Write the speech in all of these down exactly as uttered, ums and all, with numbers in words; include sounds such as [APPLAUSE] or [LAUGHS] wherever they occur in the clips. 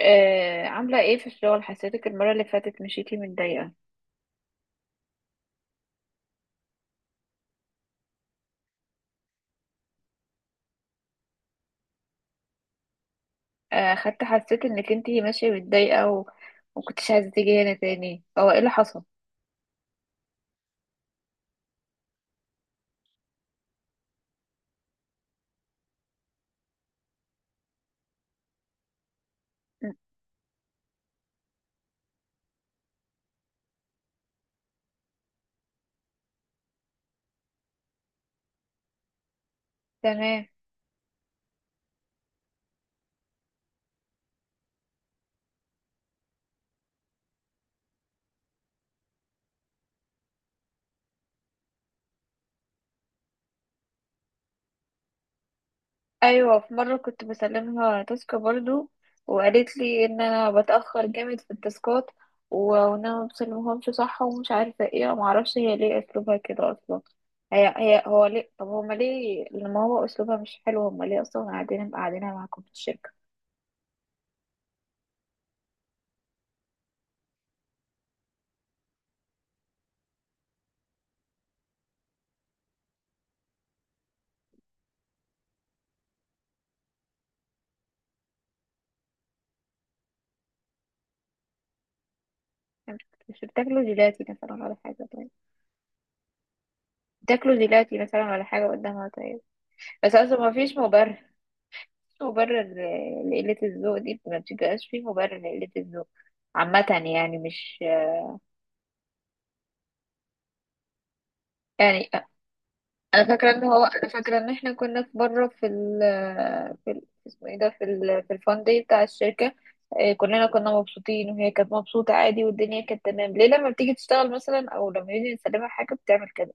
آه، عاملة ايه في الشغل؟ حسيتك المرة اللي فاتت مشيتي متضايقة. آه، خدت. حسيت انك انتي ماشية متضايقة و... ومكنتيش عايزة تيجي هنا تاني. هو ايه اللي حصل؟ م. تمام. ايوه، في مرة كنت بسلمها تاسكة برضو، وقالت لي ان انا بتأخر جامد في التاسكات، و- وان انا مبسلمهمش صح ومش عارفة ايه. معرفش هي ليه اسلوبها كده اصلا. هي هي هو ليه طب هما ليه، لما هو اسلوبها مش حلو، هما ليه اصلا قاعدين قاعدينها معاكم في الشركة؟ مش بتاكلوا جيلاتي مثلا ولا حاجة؟ طيب. بتاكلوا جيلاتي مثلا ولا حاجة قدامها؟ طيب، بس أصلا ما فيش مبرر. مفيش مبرر ل- لقلة الذوق دي. ما بتبقاش فيه مبرر لقلة الذوق عامة. يعني مش يعني أنا فاكرة إن هو أنا فاكرة إن إحنا كنا في مرة في ال في ال- اسمه إيه ده، في ال في الفان داي بتاع الشركة. آه، كلنا كنا مبسوطين وهي كانت مبسوطة عادي والدنيا كانت تمام. ليه لما بتيجي تشتغل مثلا أو لما يجي يسلمها حاجة بتعمل كده؟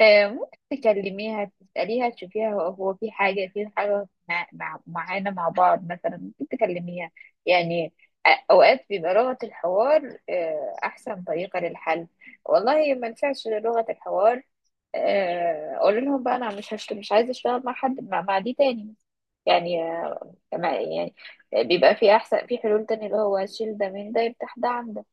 آه، ممكن تكلميها، تسأليها، تشوفيها. هو هو في حاجة في حاجة مع مع- معانا مع بعض مثلا؟ ممكن تكلميها. يعني آه، أوقات بيبقى لغة الحوار آه، أحسن طريقة للحل. والله ما نفعش غير لغة الحوار. آه، أقول لهم بقى أنا مش هشت... مش عايزة أشتغل مع حد مع, مع دي تاني. يعني آه، ما- يعني بيبقى في أحسن في حلول تانية، اللي هو شيل ده من ده، يفتح ده عن ده.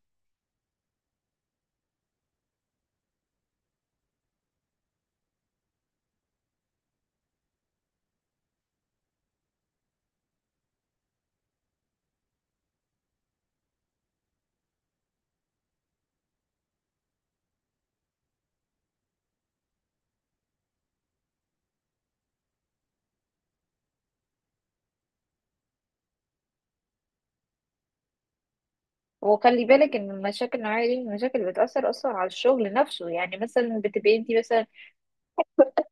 وخلي بالك ان المشاكل النوعيه دي من المشاكل اللي بتاثر اصلا على الشغل نفسه. يعني مثلا بتبقي انت مثلا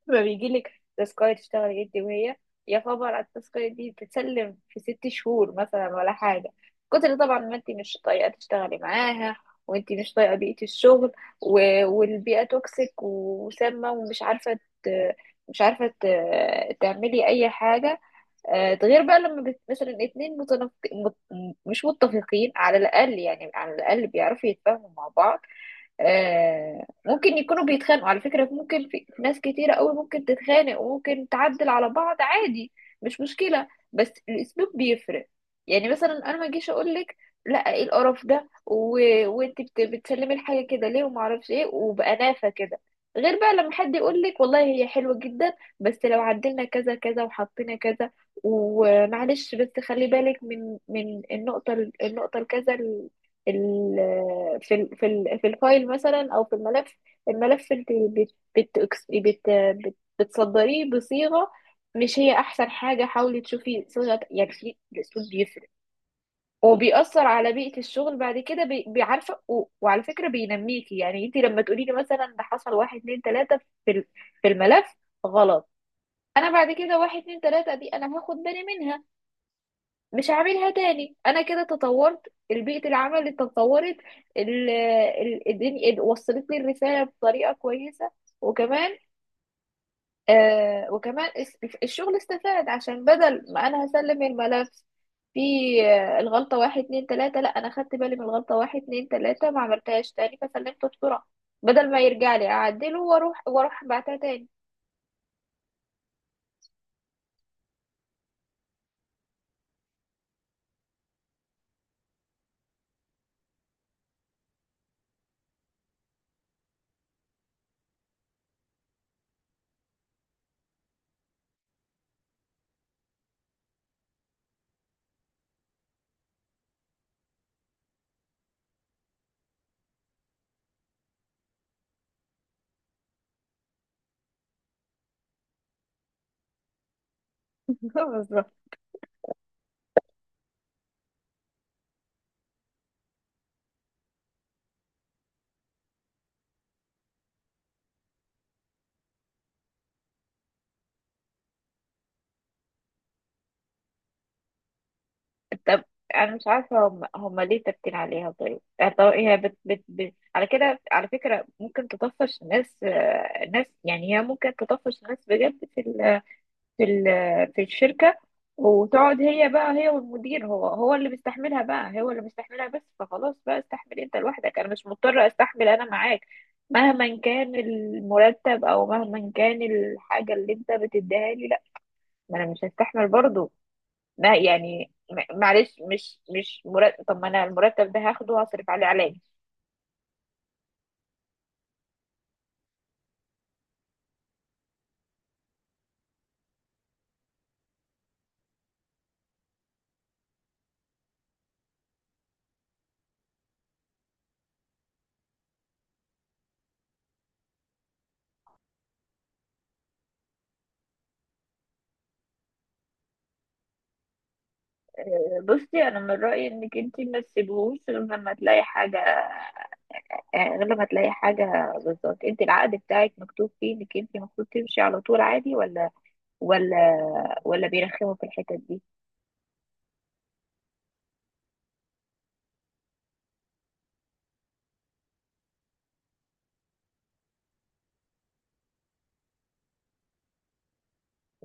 لما بيجي لك تاسكايه تشتغلي انت وهي، يا خبر على التاسكايه دي، تتسلم في ست شهور مثلا ولا حاجه. كتر طبعا، ما انت مش طايقه تشتغلي معاها، وانت مش طايقه بيئه الشغل، و... والبيئه توكسيك وسامه، ومش عارفه ت... مش عارفه ت... تعملي اي حاجه. آه، ده غير بقى لما بت- مثلا اتنين متنف... مت... مش متفقين. على الأقل، يعني على الأقل بيعرفوا يتفاهموا مع بعض. آه، ممكن يكونوا بيتخانقوا على فكرة، ممكن في في ناس كتيرة قوي ممكن تتخانق وممكن تعدل على بعض عادي. مش مشكلة. بس الأسلوب بيفرق. يعني مثلا أنا ما أجيش أقول لك لا، إيه القرف ده و... وأنت بت... بتسلمي الحاجة كده ليه، وما أعرفش إيه، وبأنافة كده. غير بقى لما حد يقول لك والله هي حلوة جدا، بس لو عدلنا كذا كذا وحطينا كذا، ومعلش بس خلي بالك من من النقطة، النقطة الكذا، ال- في ال في ال في الفايل مثلا، او في الملف. الملف انت بت بت بت بت بتصدريه بصيغه مش هي احسن حاجه. حاولي تشوفي صيغه. يعني في الاسلوب بيفرق، وبيأثر على بيئه الشغل بعد كده. بي- بيعرفه و- وعلى فكره بينميكي. يعني انت لما تقولي لي مثلا ده حصل واحد اتنين تلاته في ال- في الملف غلط، انا بعد كده واحد اتنين تلاته دي انا هاخد بالي منها، مش هعملها تاني. انا كده تطورت، البيئة العمل اللي تطورت. ال- ال- الدنيا ال- وصلت لي الرسالة بطريقة كويسة. وكمان آه وكمان اس- الشغل استفاد، عشان بدل ما انا هسلم الملف في آه، الغلطة واحد اتنين تلاتة، لا انا خدت بالي من الغلطة واحد اتنين تلاتة ما عملتهاش تاني، فسلمته بسرعة، بدل ما يرجع لي اعدله واروح واروح بعتها تاني. [LAUGHS] طب انا مش عارفه هم هم ليه ثابتين عليها؟ طيب، يعني طب هي بت بت بت على كده، على فكره ممكن تطفش ناس، آه، ناس، يعني هي ممكن تطفش ناس بجد في ال في ال في الشركه. وتقعد هي، بقى هي والمدير، هو هو اللي بيستحملها، بقى هو اللي بيستحملها بس. فخلاص بقى، استحمل انت لوحدك، انا مش مضطره استحمل انا معاك، مهما كان المرتب، او مهما كان الحاجه اللي انت بتديها لي. لا، ما انا مش هستحمل برضه. لا يعني م- معلش، مش مش مرتب. طب ما انا المرتب ده هاخده وهصرف عليه علاج. آه، بصي انا من رايي انك انت ما تسيبهوش غير لما تلاقي حاجه. آه، غير لما تلاقي حاجه بالظبط. انت العقد بتاعك مكتوب فيه انك انت المفروض تمشي على طول عادي؟ ولا، ولا، ولا بيرخموا في الحتت دي؟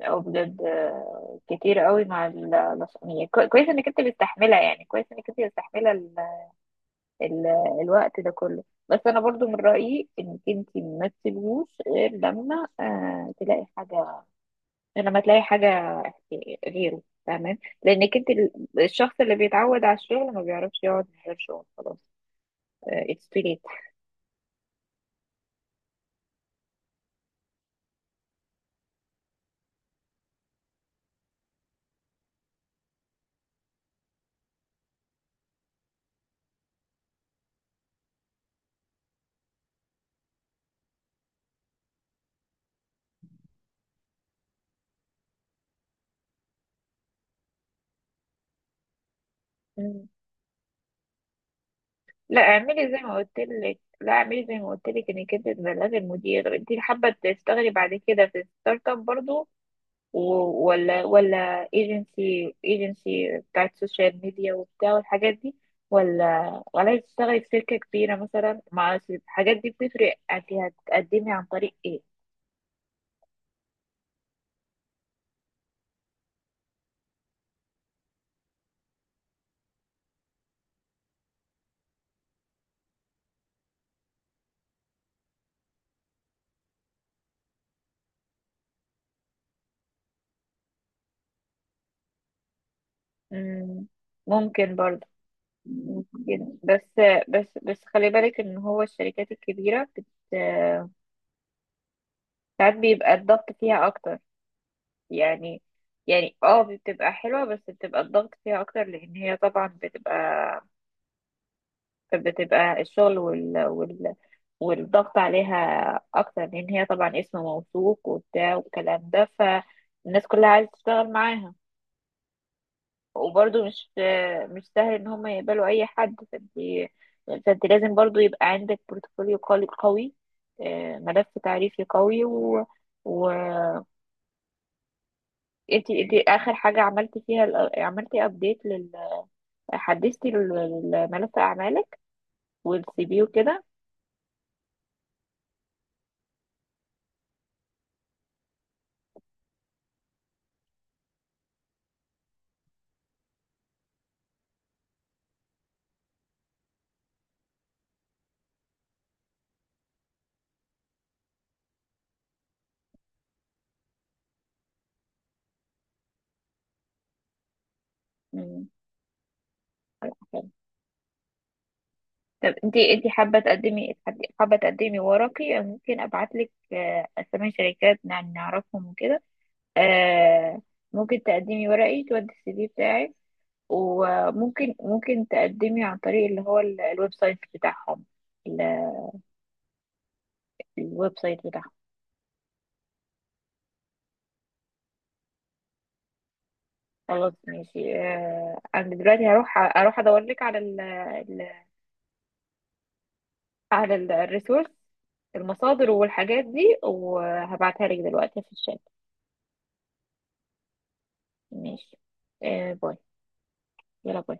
او بجد آه، كتير قوي. مع ال- الأس- يعني كو- كويس انك انت مستحمله، يعني كويس انك انت مستحمله ال- الوقت ده كله. بس انا برضو من رأيي انك انت ما تسيبهوش غير لما آه تلاقي حاجة، لما تلاقي حاجة غيره. تمام، لانك انت ال- الشخص اللي بيتعود على الشغل ما بيعرفش يقعد من غير شغل خلاص. اتس تو ليت. لا اعملي زي ما قلت لك، لا اعملي زي ما قلت لك انك انت تبلغي المدير انت حابة تشتغلي بعد كده في ستارت اب برضو، و- ولا ولا ايجنسي ايجنسي بتاعت سوشيال ميديا وبتاع والحاجات دي، ولا ولا تشتغلي في شركة كبيرة مثلا مع الحاجات دي. بتفرق. انت هتقدمي عن طريق ايه؟ مم، ممكن برضه، ممكن. بس بس بس خلي بالك ان هو الشركات الكبيرة بت ساعات بيبقى الضغط فيها اكتر. يعني، يعني اه بتبقى حلوة بس بتبقى الضغط فيها اكتر، لان هي طبعا بتبقى، بتبقى الشغل وال... وال... والضغط عليها اكتر، لان هي طبعا اسم موثوق وبتاع والكلام ده، فالناس كلها عايزة تشتغل معاها. وبرضه مش، مش سهل ان هم يقبلوا اي حد. فانت فانت لازم برضه يبقى عندك بورتفوليو قوي قوي، آه، ملف تعريفي قوي. و و انت انت اخر حاجه عملتي فيها ال- عملتي ابديت لل حدثتي لل- لملف اعمالك والسي في وكده؟ مم. طب انتي انتي حابة تقدمي، حابة تقدمي ورقي؟ أنا ممكن ابعتلك آه، اسامي شركات نع- نعرفهم وكده. آه، ممكن تقدمي ورقي، تودي السي في بتاعك، وممكن ممكن تقدمي عن طريق اللي هو ال- الويب سايت بتاعهم، ال- الويب سايت بتاعهم. خلاص ماشي. آه، انا دلوقتي هروح، اروح ادور لك على ال ال- على ال- الريسورس، المصادر والحاجات دي، وهبعتها لك دلوقتي في الشات. ماشي. آه، باي. يلا باي.